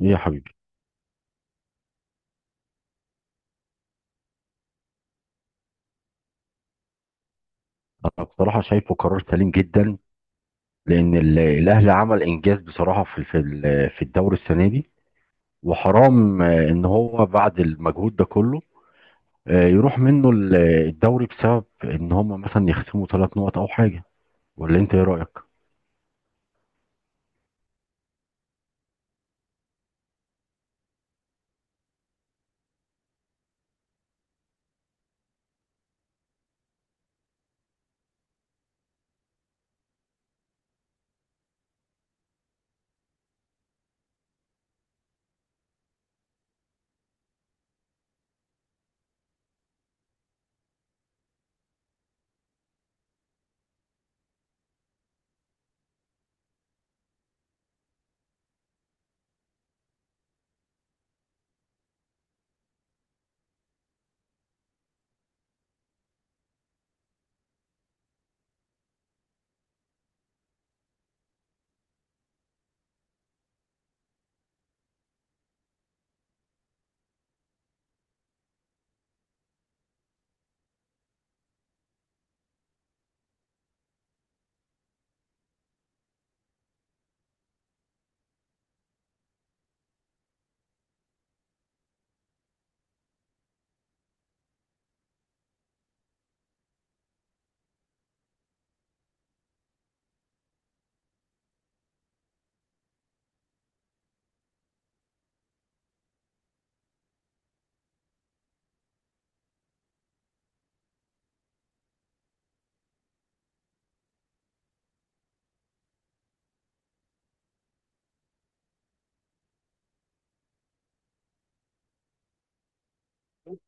ايه يا حبيبي. انا بصراحه شايفه قرار سليم جدا، لان الاهلي عمل انجاز بصراحه في الدوري السنه دي. وحرام، ان هو بعد المجهود ده كله، يروح منه الدوري بسبب ان هم مثلا يخصموا 3 نقط او حاجه. ولا انت ايه رايك؟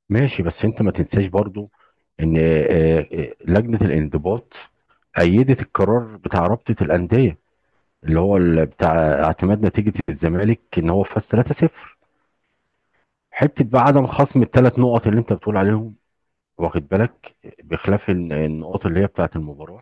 ماشي، بس انت ما تنساش برضو ان لجنه الانضباط أيدت القرار بتاع رابطة الأندية، اللي هو بتاع اعتماد نتيجة الزمالك إن هو فاز 3-0. حته بقى عدم خصم الثلاث نقط اللي انت بتقول عليهم، واخد بالك؟ بخلاف النقط اللي هي بتاعه المباراه،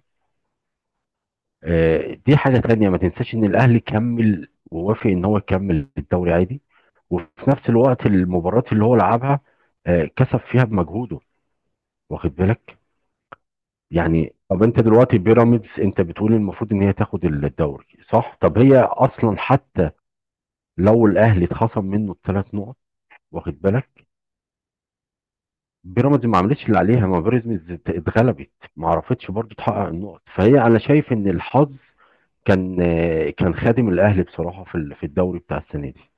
دي حاجه تانية. ما تنساش ان الاهلي كمل ووافق ان هو يكمل الدوري عادي، وفي نفس الوقت المباريات اللي هو لعبها كسب فيها بمجهوده، واخد بالك؟ يعني طب انت دلوقتي بيراميدز، انت بتقول المفروض ان هي تاخد الدوري، صح؟ طب هي اصلا حتى لو الاهلي اتخصم منه الثلاث نقط، واخد بالك؟ بيراميدز ما عملتش اللي عليها، ما بيراميدز اتغلبت، ما عرفتش برضو تحقق النقط. فهي انا شايف ان الحظ كان خادم الاهلي بصراحه في الدوري بتاع السنه دي.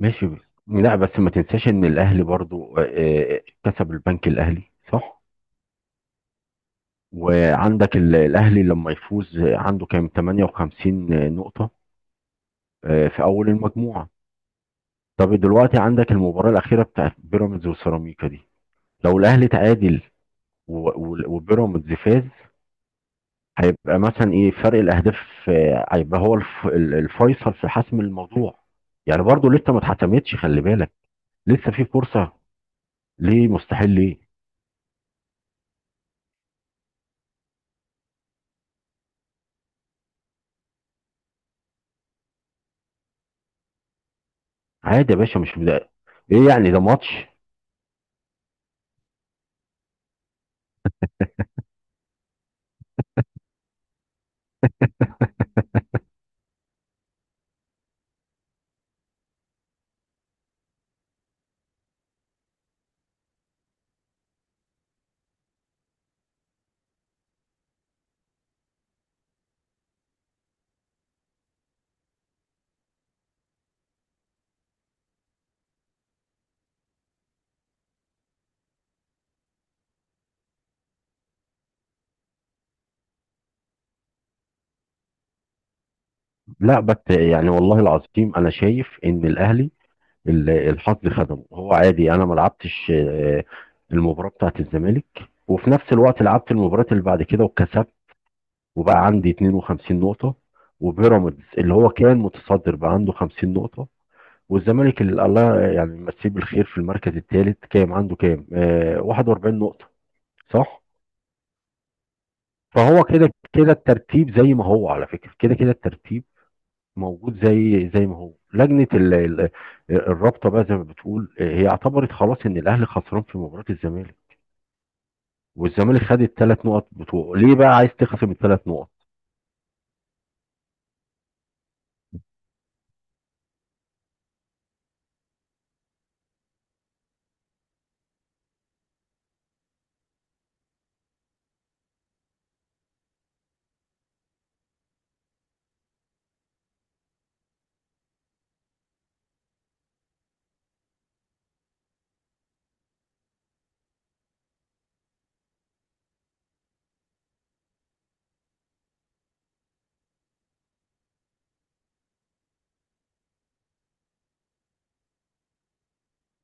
ماشي بس. لا، بس ما تنساش ان الاهلي برضو آه، كسب البنك الاهلي، صح؟ وعندك الاهلي لما يفوز، عنده كام؟ 58 نقطه، في اول المجموعه. طب دلوقتي عندك المباراه الاخيره بتاعت بيراميدز وسيراميكا دي، لو الاهلي تعادل وبيراميدز فاز، هيبقى مثلا ايه فرق الاهداف؟ هيبقى هو الفيصل في حسم الموضوع. يعني برضو لسه ما اتحسمتش، خلي بالك، لسه في فرصة. ليه مستحيل؟ ليه؟ عادي يا باشا، مش بدأ. ايه يعني؟ ده ماتش. لا، بس يعني والله العظيم انا شايف ان الاهلي الحظ خدمه. هو عادي، انا ما لعبتش المباراة بتاعت الزمالك، وفي نفس الوقت لعبت المباراة اللي بعد كده وكسبت، وبقى عندي 52 نقطة، وبيراميدز اللي هو كان متصدر بقى عنده 50 نقطة، والزمالك اللي الله يعني يمسيه بالخير في المركز الثالث، عنده كام؟ 41 نقطة، صح؟ فهو كده كده الترتيب زي ما هو، على فكرة كده كده الترتيب موجود زي ما هو. لجنة الرابطة بقى زي ما بتقول، هي اعتبرت خلاص ان الاهلي خسران في مباراة الزمالك، والزمالك خد الثلاث نقط بتوعه. ليه بقى عايز تخصم الثلاث نقط؟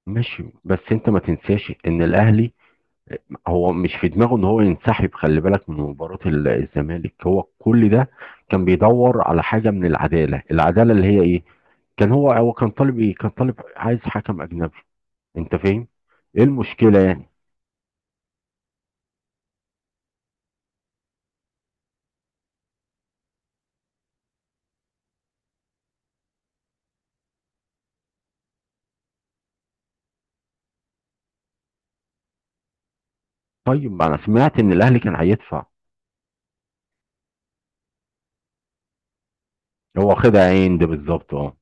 ماشي، بس انت ما تنساش ان الاهلي هو مش في دماغه ان هو ينسحب، خلي بالك، من مباراة الزمالك. هو كل ده كان بيدور على حاجة من العدالة، العدالة اللي هي ايه. كان هو كان طالب ايه، كان طالب عايز حكم اجنبي. انت فاهم؟ ايه المشكلة يعني؟ طيب ما انا سمعت ان الاهلي كان هيدفع، هو خد عين ده بالظبط، اه.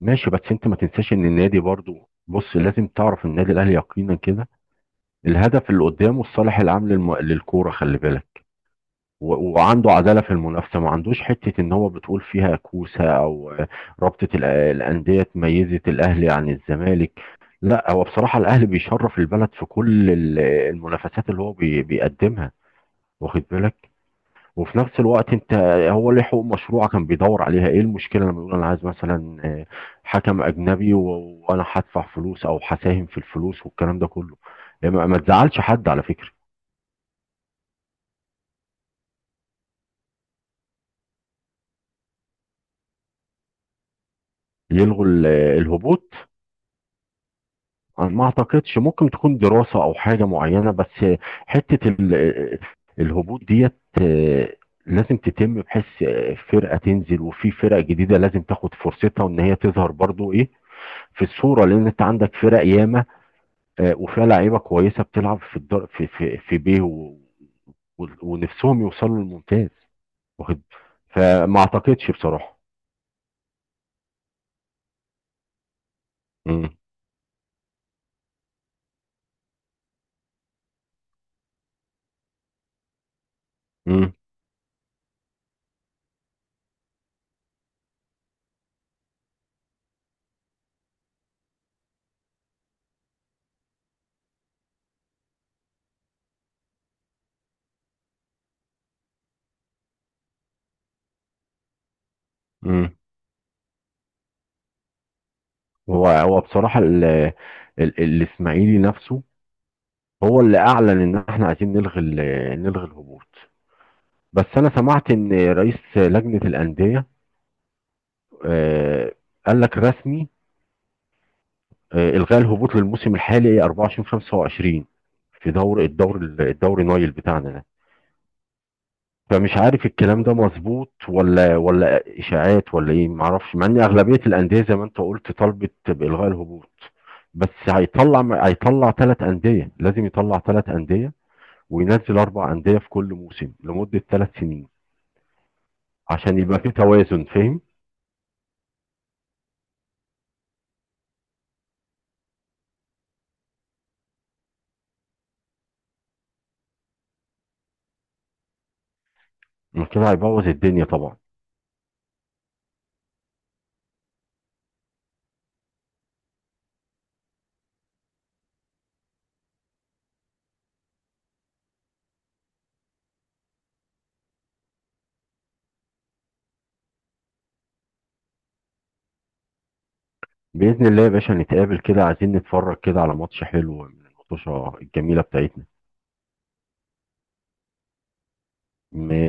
ماشي، بس انت ما تنساش ان النادي برضو، بص لازم تعرف النادي الاهلي يقينا كده الهدف اللي قدامه الصالح العام للكورة، خلي بالك. وعنده عدالة في المنافسة، ما عندوش حتة ان هو بتقول فيها كوسة او رابطة الأندية ميزت الأهلي عن الزمالك. لا، هو بصراحة الأهلي بيشرف البلد في كل المنافسات اللي هو بيقدمها، واخد بالك. وفي نفس الوقت انت، هو ليه حقوق مشروعة كان بيدور عليها. ايه المشكلة لما يقول انا عايز مثلا حكم اجنبي، وانا هدفع فلوس او هساهم في الفلوس والكلام ده كله؟ ما تزعلش حد على فكرة. يلغوا الهبوط؟ أنا ما اعتقدش. ممكن تكون دراسة او حاجة معينة، بس حتة الهبوط ديت، آه، لازم تتم، بحيث فرقة تنزل وفي فرق جديدة لازم تاخد فرصتها، وان هي تظهر برضو ايه في الصورة. لان انت عندك فرق ياما، وفيها لعيبة كويسة بتلعب في الدر في في في بيه ونفسهم يوصلوا للممتاز، واخد. فما اعتقدش بصراحة. امم امم هو بصراحة الاسماعيلي نفسه هو اللي اعلن ان احنا عايزين نلغي الهبوط. بس انا سمعت ان رئيس لجنة الأندية، آه، قال لك رسمي، الغاء الهبوط للموسم الحالي 24/25، في دور الدور الدوري نايل بتاعنا ده. فمش عارف الكلام ده مظبوط، ولا اشاعات، ولا ايه؟ معرفش، مع ان اغلبيه الانديه زي ما انت قلت طالبت بالغاء الهبوط. بس هيطلع 3 انديه، لازم يطلع 3 انديه وينزل 4 انديه في كل موسم لمده 3 سنين عشان يبقى في توازن، فاهم؟ ما كده هيبوظ الدنيا طبعا. باذن الله يا باشا نتقابل كده، عايزين نتفرج كده على ماتش حلو من الماتشة الجميله بتاعتنا. م-